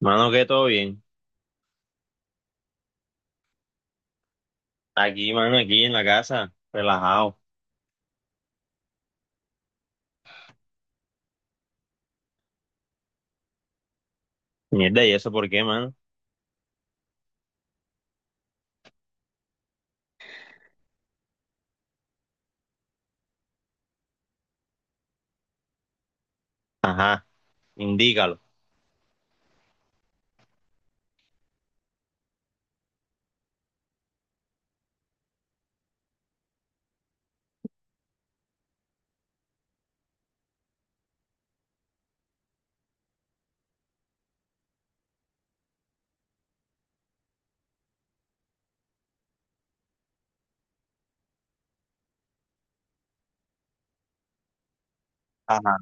Mano, que todo bien. Aquí, mano, aquí en la casa, relajado. Mierda, ¿y eso por qué, mano? Ajá, indícalo. Ajá,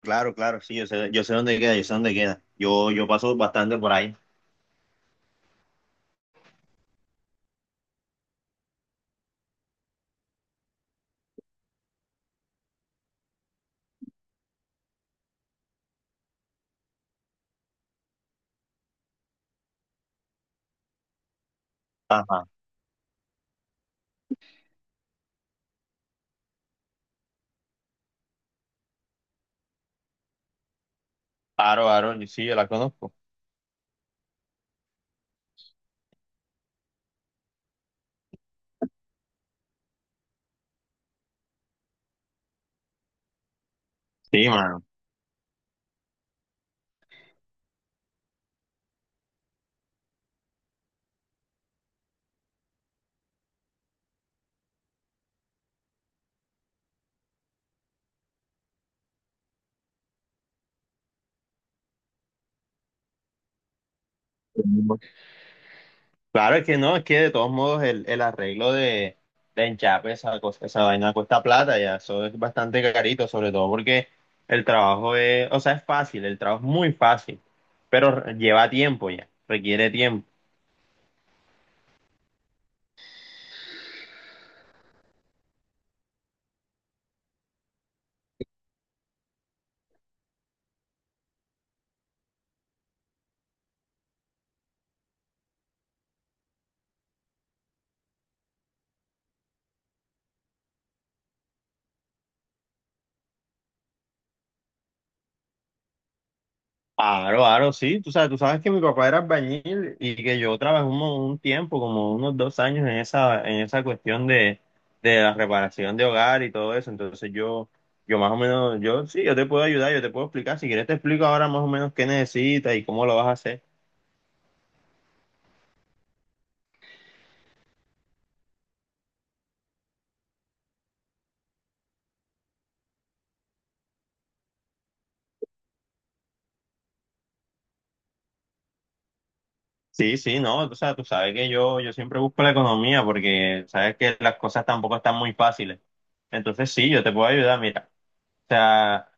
claro, claro, sí, yo sé dónde queda, yo sé dónde queda. Yo paso bastante por ahí. Ajá. Aro, Aro, sí, yo la conozco. Sí, mano. Claro, es que no, es que de todos modos el arreglo de enchape, esa cosa, esa vaina cuesta plata ya, eso es bastante carito, sobre todo porque el trabajo es, o sea, es fácil, el trabajo es muy fácil, pero lleva tiempo ya, requiere tiempo. Aro, aro, sí, tú sabes que mi papá era albañil y que yo trabajé un tiempo, como unos 2 años en esa cuestión de la reparación de hogar y todo eso, entonces yo más o menos, yo sí, yo te puedo ayudar, yo te puedo explicar, si quieres te explico ahora más o menos qué necesitas y cómo lo vas a hacer. Sí, sí, no, o sea, tú sabes que yo siempre busco la economía porque sabes que las cosas tampoco están muy fáciles, entonces sí, yo te puedo ayudar, mira, o sea...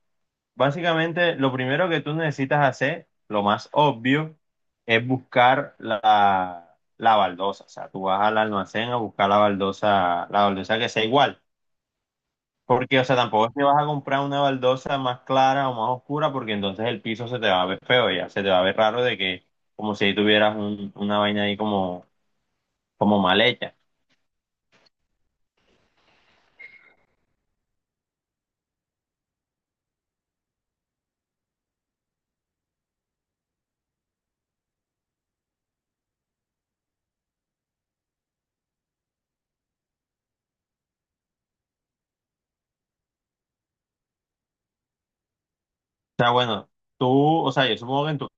Básicamente, lo primero que tú necesitas hacer, lo más obvio, es buscar la baldosa. O sea, tú vas al almacén a buscar la baldosa que sea igual. Porque, o sea, tampoco es que vas a comprar una baldosa más clara o más oscura, porque entonces el piso se te va a ver feo, ya se te va a ver raro de que, como si ahí tuvieras una vaina ahí como, como mal hecha. O sea, bueno, tú, o sea, yo supongo que en tu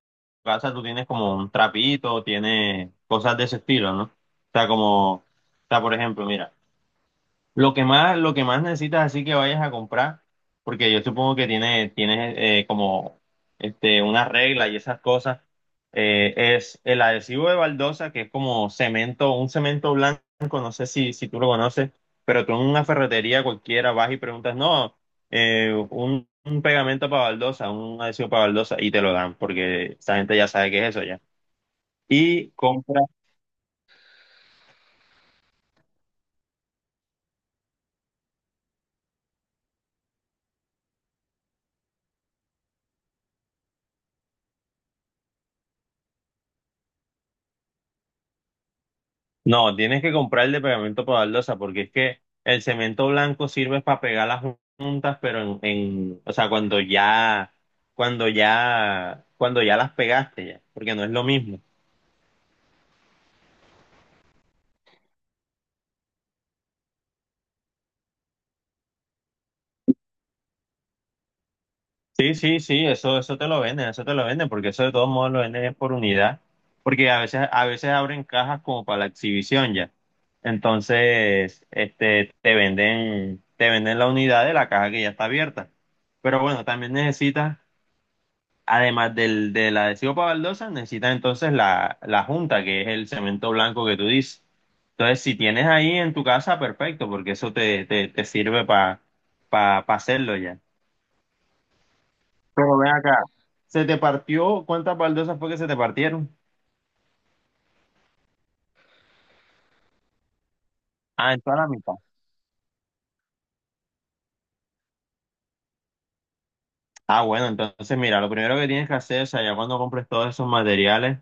casa tú tienes como un trapito, tienes cosas de ese estilo, ¿no? O sea, como, o sea, por ejemplo, mira. Lo que más necesitas así que vayas a comprar, porque yo supongo que tienes como una regla y esas cosas, es el adhesivo de baldosa, que es como cemento, un cemento blanco, no sé si tú lo conoces, pero tú en una ferretería cualquiera vas y preguntas, no, un pegamento para baldosa, un adhesivo para baldosa, y te lo dan, porque esa gente ya sabe qué es eso ya. Y compra. No, tienes que comprar el de pegamento para baldosa, porque es que el cemento blanco sirve para pegar las juntas, pero o sea, cuando ya las pegaste ya, porque no es lo mismo. Sí, sí, sí, eso te lo venden, eso te lo venden, porque eso de todos modos lo venden es por unidad, porque a veces abren cajas como para la exhibición ya. Entonces, te venden la unidad de la caja que ya está abierta. Pero bueno, también necesitas. Además del adhesivo para baldosas, necesitas entonces la junta, que es el cemento blanco que tú dices. Entonces, si tienes ahí en tu casa, perfecto, porque eso te sirve para pa hacerlo ya. Pero ven acá. ¿Se te partió? ¿Cuántas baldosas fue que se te partieron? Ah, en toda la mitad. Ah, bueno, entonces mira, lo primero que tienes que hacer, o sea, ya cuando compres todos esos materiales,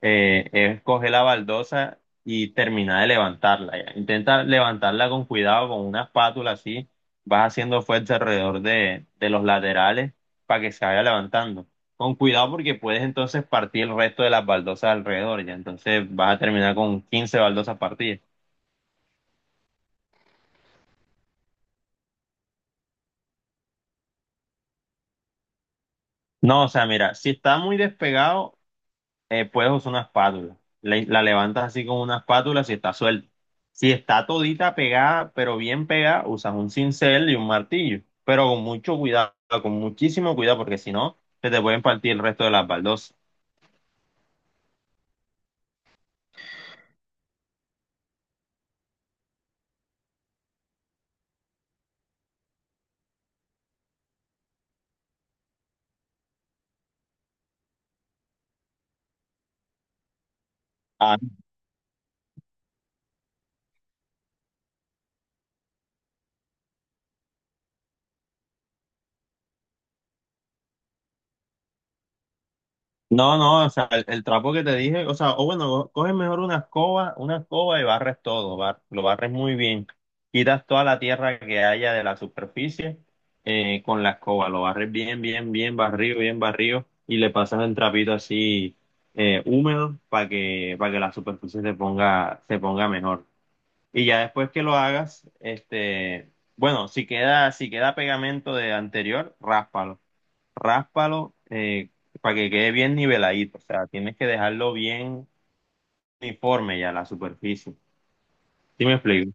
es coger la baldosa y terminar de levantarla, ya. Intenta levantarla con cuidado, con una espátula así, vas haciendo fuerza alrededor de los laterales para que se vaya levantando. Con cuidado porque puedes entonces partir el resto de las baldosas alrededor, ya. Entonces vas a terminar con 15 baldosas partidas. No, o sea, mira, si está muy despegado, puedes usar una espátula. La levantas así con una espátula si está suelta. Si está todita pegada, pero bien pegada, usas un cincel y un martillo. Pero con mucho cuidado, con muchísimo cuidado, porque si no, se te pueden partir el resto de las baldosas. No, no, o sea, el trapo que te dije, o sea, o bueno, coges mejor una escoba y barres todo, lo barres muy bien. Quitas toda la tierra que haya de la superficie, con la escoba, lo barres bien, bien, bien barrido y le pasas el trapito así, húmedo para que la superficie se ponga mejor. Y ya después que lo hagas, bueno, si queda, si queda pegamento de anterior, ráspalo, ráspalo eh, para que quede bien niveladito, o sea, tienes que dejarlo bien uniforme ya la superficie. ¿Sí me explico?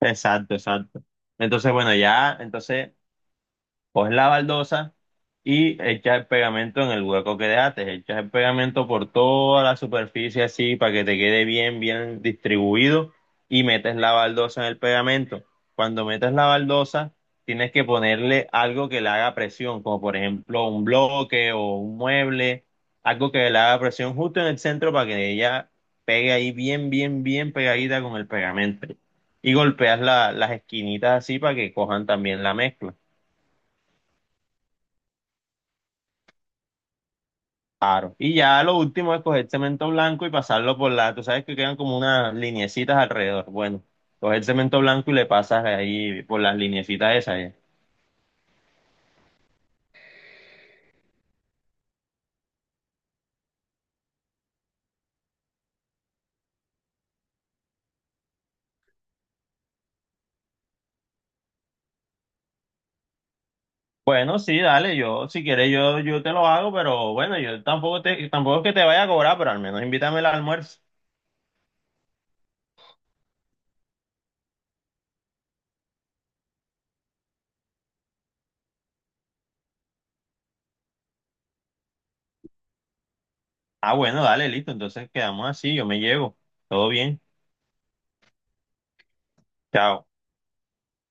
Exacto, exacto. Entonces, bueno, ya, entonces coges la baldosa y echas el pegamento en el hueco que dejaste, echas el pegamento por toda la superficie así para que te quede bien, bien distribuido y metes la baldosa en el pegamento. Cuando metes la baldosa, tienes que ponerle algo que le haga presión, como por ejemplo un bloque o un mueble, algo que le haga presión justo en el centro para que ella pegue ahí bien, bien, bien pegadita con el pegamento. Y golpeas las esquinitas así para que cojan también la mezcla. Claro. Y ya lo último es coger cemento blanco y pasarlo por tú sabes que quedan como unas lineecitas alrededor. Bueno, coger cemento blanco y le pasas ahí por las lineecitas esas, ya. Bueno, sí, dale, yo, si quieres, yo te lo hago, pero bueno, yo tampoco tampoco es que te vaya a cobrar, pero al menos invítame al almuerzo. Ah, bueno, dale, listo, entonces quedamos así, yo me llevo. Todo bien. Chao.